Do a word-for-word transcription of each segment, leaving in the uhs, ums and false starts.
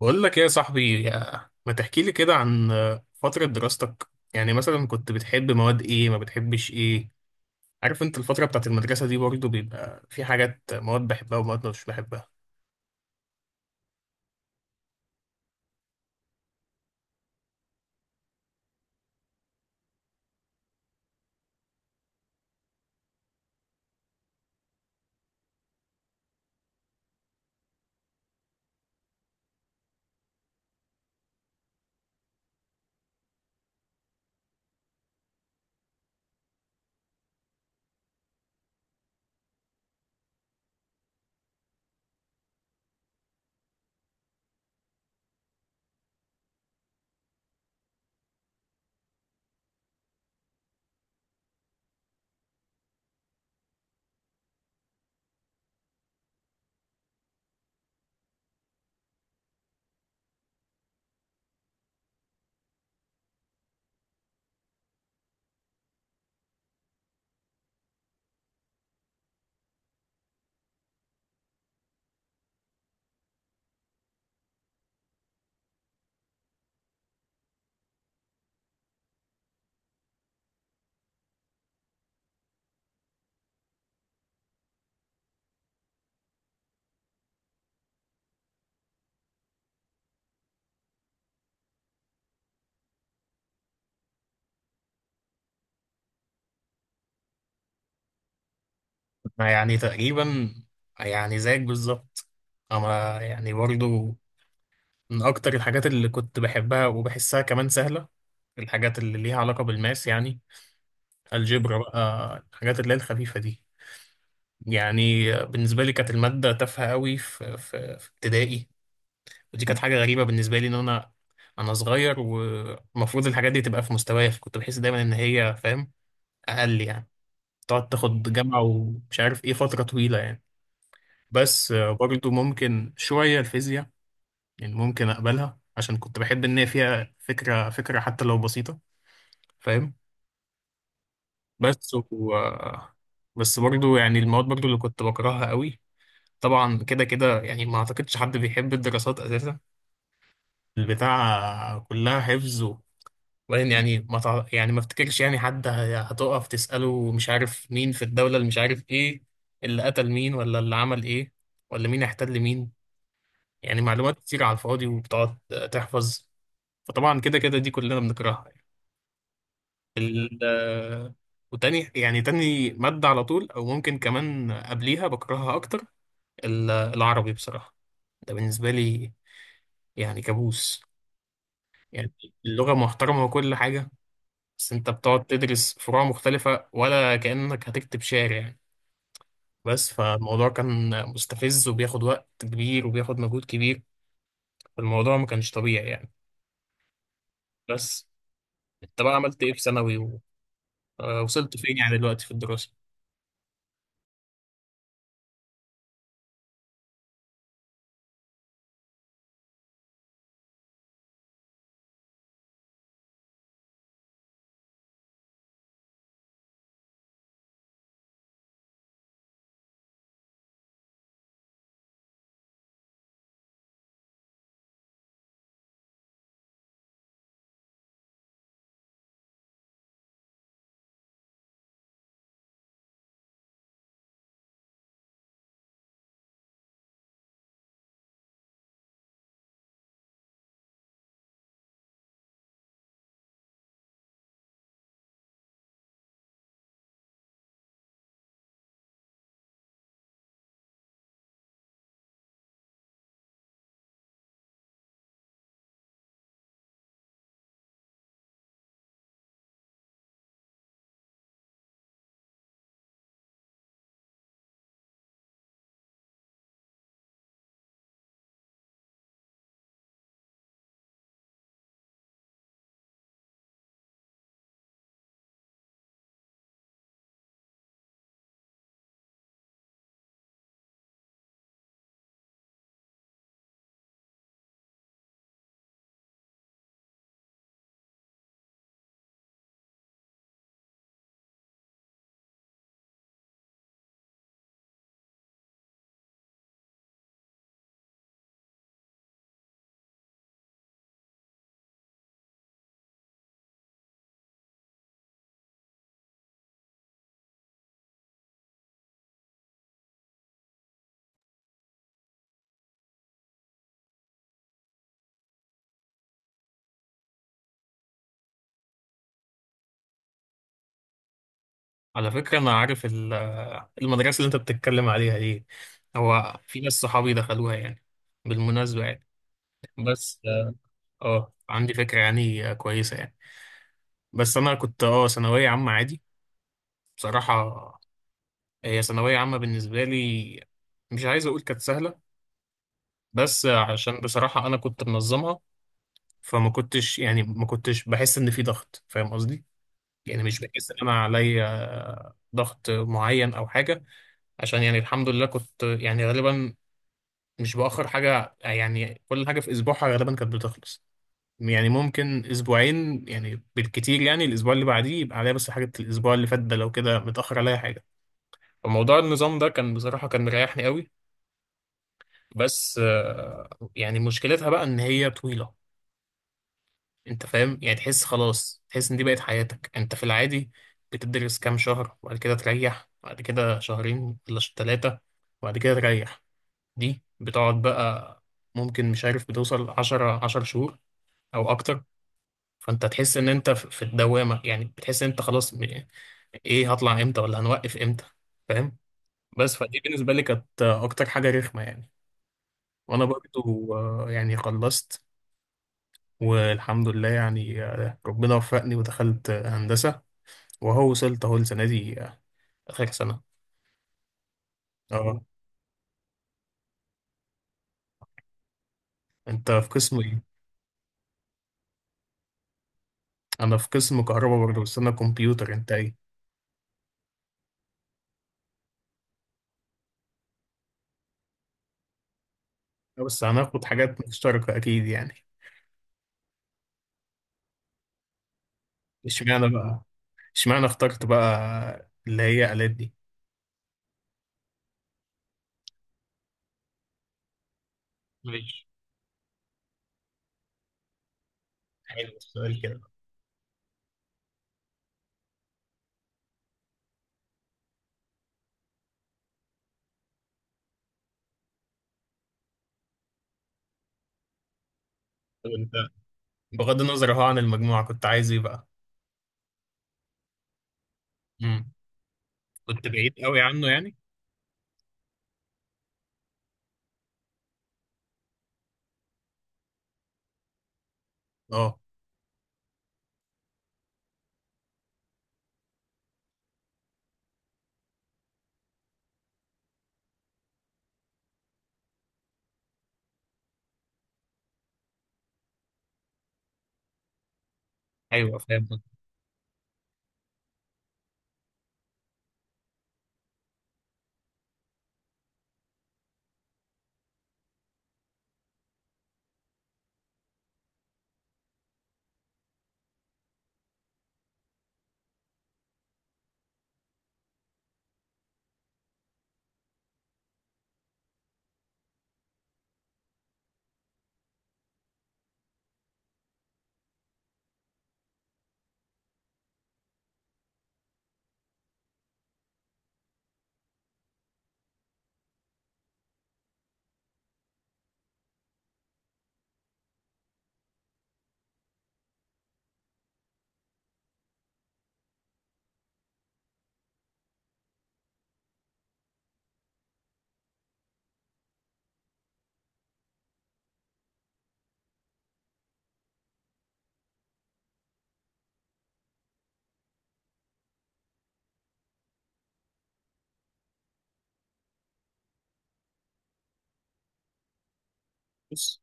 بقول لك ايه يا صاحبي يا- ما تحكي لي كده عن فترة دراستك يعني مثلا كنت بتحب مواد ايه ما بتحبش ايه؟ عارف انت الفترة بتاعت المدرسة دي برضو بيبقى في حاجات مواد بحبها ومواد مش بحبها. أنا يعني تقريبا يعني زيك بالظبط، اما يعني برضو من اكتر الحاجات اللي كنت بحبها وبحسها كمان سهلة، الحاجات اللي ليها علاقة بالماس يعني الجبر بقى الحاجات اللي هي الخفيفة دي. يعني بالنسبة لي كانت المادة تافهة قوي في في في ابتدائي، ودي كانت حاجة غريبة بالنسبة لي إن أنا أنا صغير والمفروض الحاجات دي تبقى في مستوايا، فكنت بحس دايما إن هي فاهم أقل يعني، تقعد تاخد جامعة ومش عارف إيه فترة طويلة يعني. بس آه، برضو ممكن شوية الفيزياء، يعني ممكن أقبلها عشان كنت بحب إن هي فيها فكرة فكرة حتى لو بسيطة، فاهم. بس و... آه، بس برضو يعني المواد برضو اللي كنت بكرهها قوي، طبعا كده كده يعني ما أعتقدش حد بيحب الدراسات أساسا، البتاع كلها حفظ، لان يعني ما تع... يعني ما افتكرش يعني حد هي- هتقف تسأله مش عارف مين في الدولة اللي مش عارف ايه، اللي قتل مين ولا اللي عمل ايه، ولا مين احتل مين، يعني معلومات كتير على الفاضي وبتقعد تحفظ، فطبعا كده كده دي كلنا بنكرهها يعني. ال... آه، وتاني يعني تاني مادة على طول او ممكن كمان قبليها بكرهها اكتر، ال- العربي بصراحة، ده بالنسبة لي يعني كابوس يعني، اللغة محترمة وكل حاجة بس انت بتقعد تدرس فروع مختلفة ولا كأنك هتكتب شعر يعني، بس فالموضوع كان مستفز وبياخد وقت كبير وبياخد مجهود كبير، فالموضوع ما كانش طبيعي يعني. بس انت بقى عملت ايه في ثانوي ووصلت فين يعني دلوقتي في الدراسة؟ على فكرة انا عارف ال- آه، المدرسة اللي انت بتتكلم عليها دي، هو في ناس صحابي دخلوها يعني، بالمناسبة يعني. بس اه عندي فكرة يعني آه، كويسة يعني. بس انا كنت اه ثانوية عامة عادي، بصراحة هي ثانوية عامة بالنسبة لي، مش عايز أقول كانت سهلة بس عشان بصراحة أنا كنت منظمها، فما كنتش يعني ما كنتش بحس إن في ضغط، فاهم قصدي؟ يعني مش بحس إن أنا عليا ضغط معين أو حاجة، عشان يعني الحمد لله كنت يعني غالبا مش بأخر حاجة، يعني كل حاجة في أسبوعها غالبا كانت بتخلص، يعني ممكن أسبوعين يعني بالكتير يعني الأسبوع اللي بعديه يبقى عليا بس حاجة الأسبوع اللي فات ده لو كده متأخر عليا حاجة، فموضوع النظام ده كان بصراحة كان مريحني قوي. بس آه، يعني مشكلتها بقى ان هي طويلة، انت فاهم يعني تحس خلاص تحس ان دي بقت حياتك انت في العادي، بتدرس كام شهر وبعد كده تريح وبعد كده شهرين ولا ثلاثة وبعد كده تريح، دي بتقعد بقى ممكن مش عارف بتوصل عشرة عشر شهور او اكتر، فانت تحس ان انت في في الدوامة يعني بتحس ان انت خلاص م- ايه هطلع امتى ولا هنوقف امتى، فاهم. بس فدي بالنسبة لي كانت آه، اكتر حاجة رخمة يعني، وانا برضو آه، يعني خلصت والحمد لله يعني آه، ربنا وفقني ودخلت آه، هندسة، وهو وصلت اهو السنة دي آه، آخر سنة. اه انت في قسم ايه؟ انا في قسم كهرباء برضه بس انا كمبيوتر، انت ايه؟ آه، بس هناخد حاجات مشتركة اكيد يعني. اشمعنى بقى اشمعنى اخترت بقى اللي هي آلات دي؟ ماشي، حلو السؤال كده. طب انت بغض النظر اهو عن المجموعة كنت عايز ايه بقى؟ امم، كنت بعيد قوي عنه يعني؟ اه ايوه فاهم. بص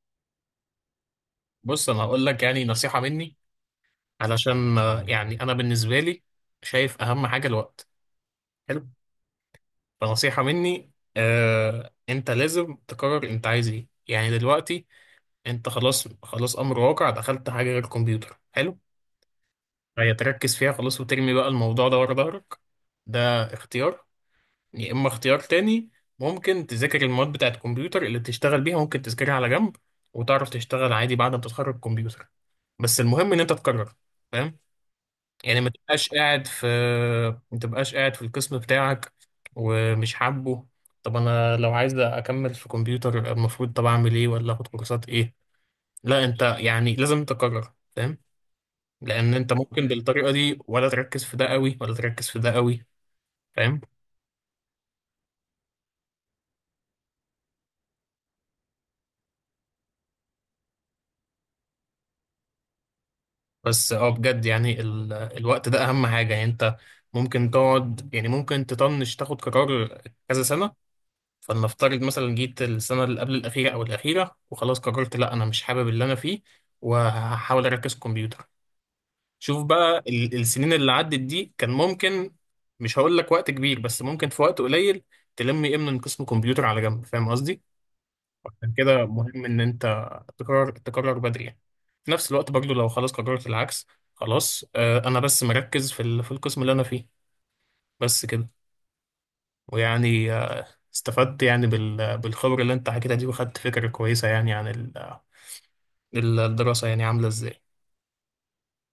بص انا هقول لك يعني نصيحة مني، علشان آه، يعني انا بالنسبه لي شايف اهم حاجه الوقت، حلو. فنصيحه مني آه انت لازم تقرر انت عايز ايه يعني دلوقتي، انت خلاص خلاص امر واقع دخلت حاجه غير الكمبيوتر حلو، فهي تركز فيها خلاص وترمي بقى الموضوع ده ورا ظهرك، ده اختيار. يا اما اختيار تاني، ممكن تذاكر المواد بتاعت الكمبيوتر اللي بتشتغل بيها ممكن تذاكرها على جنب وتعرف تشتغل عادي بعد ما تتخرج كمبيوتر، بس المهم ان انت تقرر، فاهم يعني ما تبقاش قاعد في ما تبقاش قاعد في القسم بتاعك ومش حابه. طب انا لو عايز اكمل في كمبيوتر المفروض طب اعمل ايه ولا اخد كورسات ايه، لا انت يعني لازم تقرر، فاهم، لان انت ممكن بالطريقه دي ولا تركز في ده قوي ولا تركز في ده قوي، فاهم. بس اه بجد يعني ال... الوقت ده اهم حاجه يعني، انت ممكن تقعد يعني ممكن تطنش تاخد قرار كذا سنه، فلنفترض مثلا جيت السنة اللي قبل الأخيرة أو الأخيرة وخلاص قررت لأ أنا مش حابب اللي أنا فيه، وهحاول أركز كمبيوتر. شوف بقى ال- السنين اللي عدت دي كان ممكن مش هقول لك وقت كبير بس ممكن في وقت قليل تلم إيه من قسم كمبيوتر على جنب، فاهم قصدي؟ عشان كده مهم إن أنت تقرر تقرر بدري يعني. في نفس الوقت برضو لو خلاص قررت العكس، خلاص آه أنا بس مركز في ال- في القسم اللي أنا فيه، بس كده. ويعني استفدت يعني بال... بالخبرة اللي انت حكيتها دي وخدت فكرة كويسة يعني عن ال... الدراسة يعني عاملة ازاي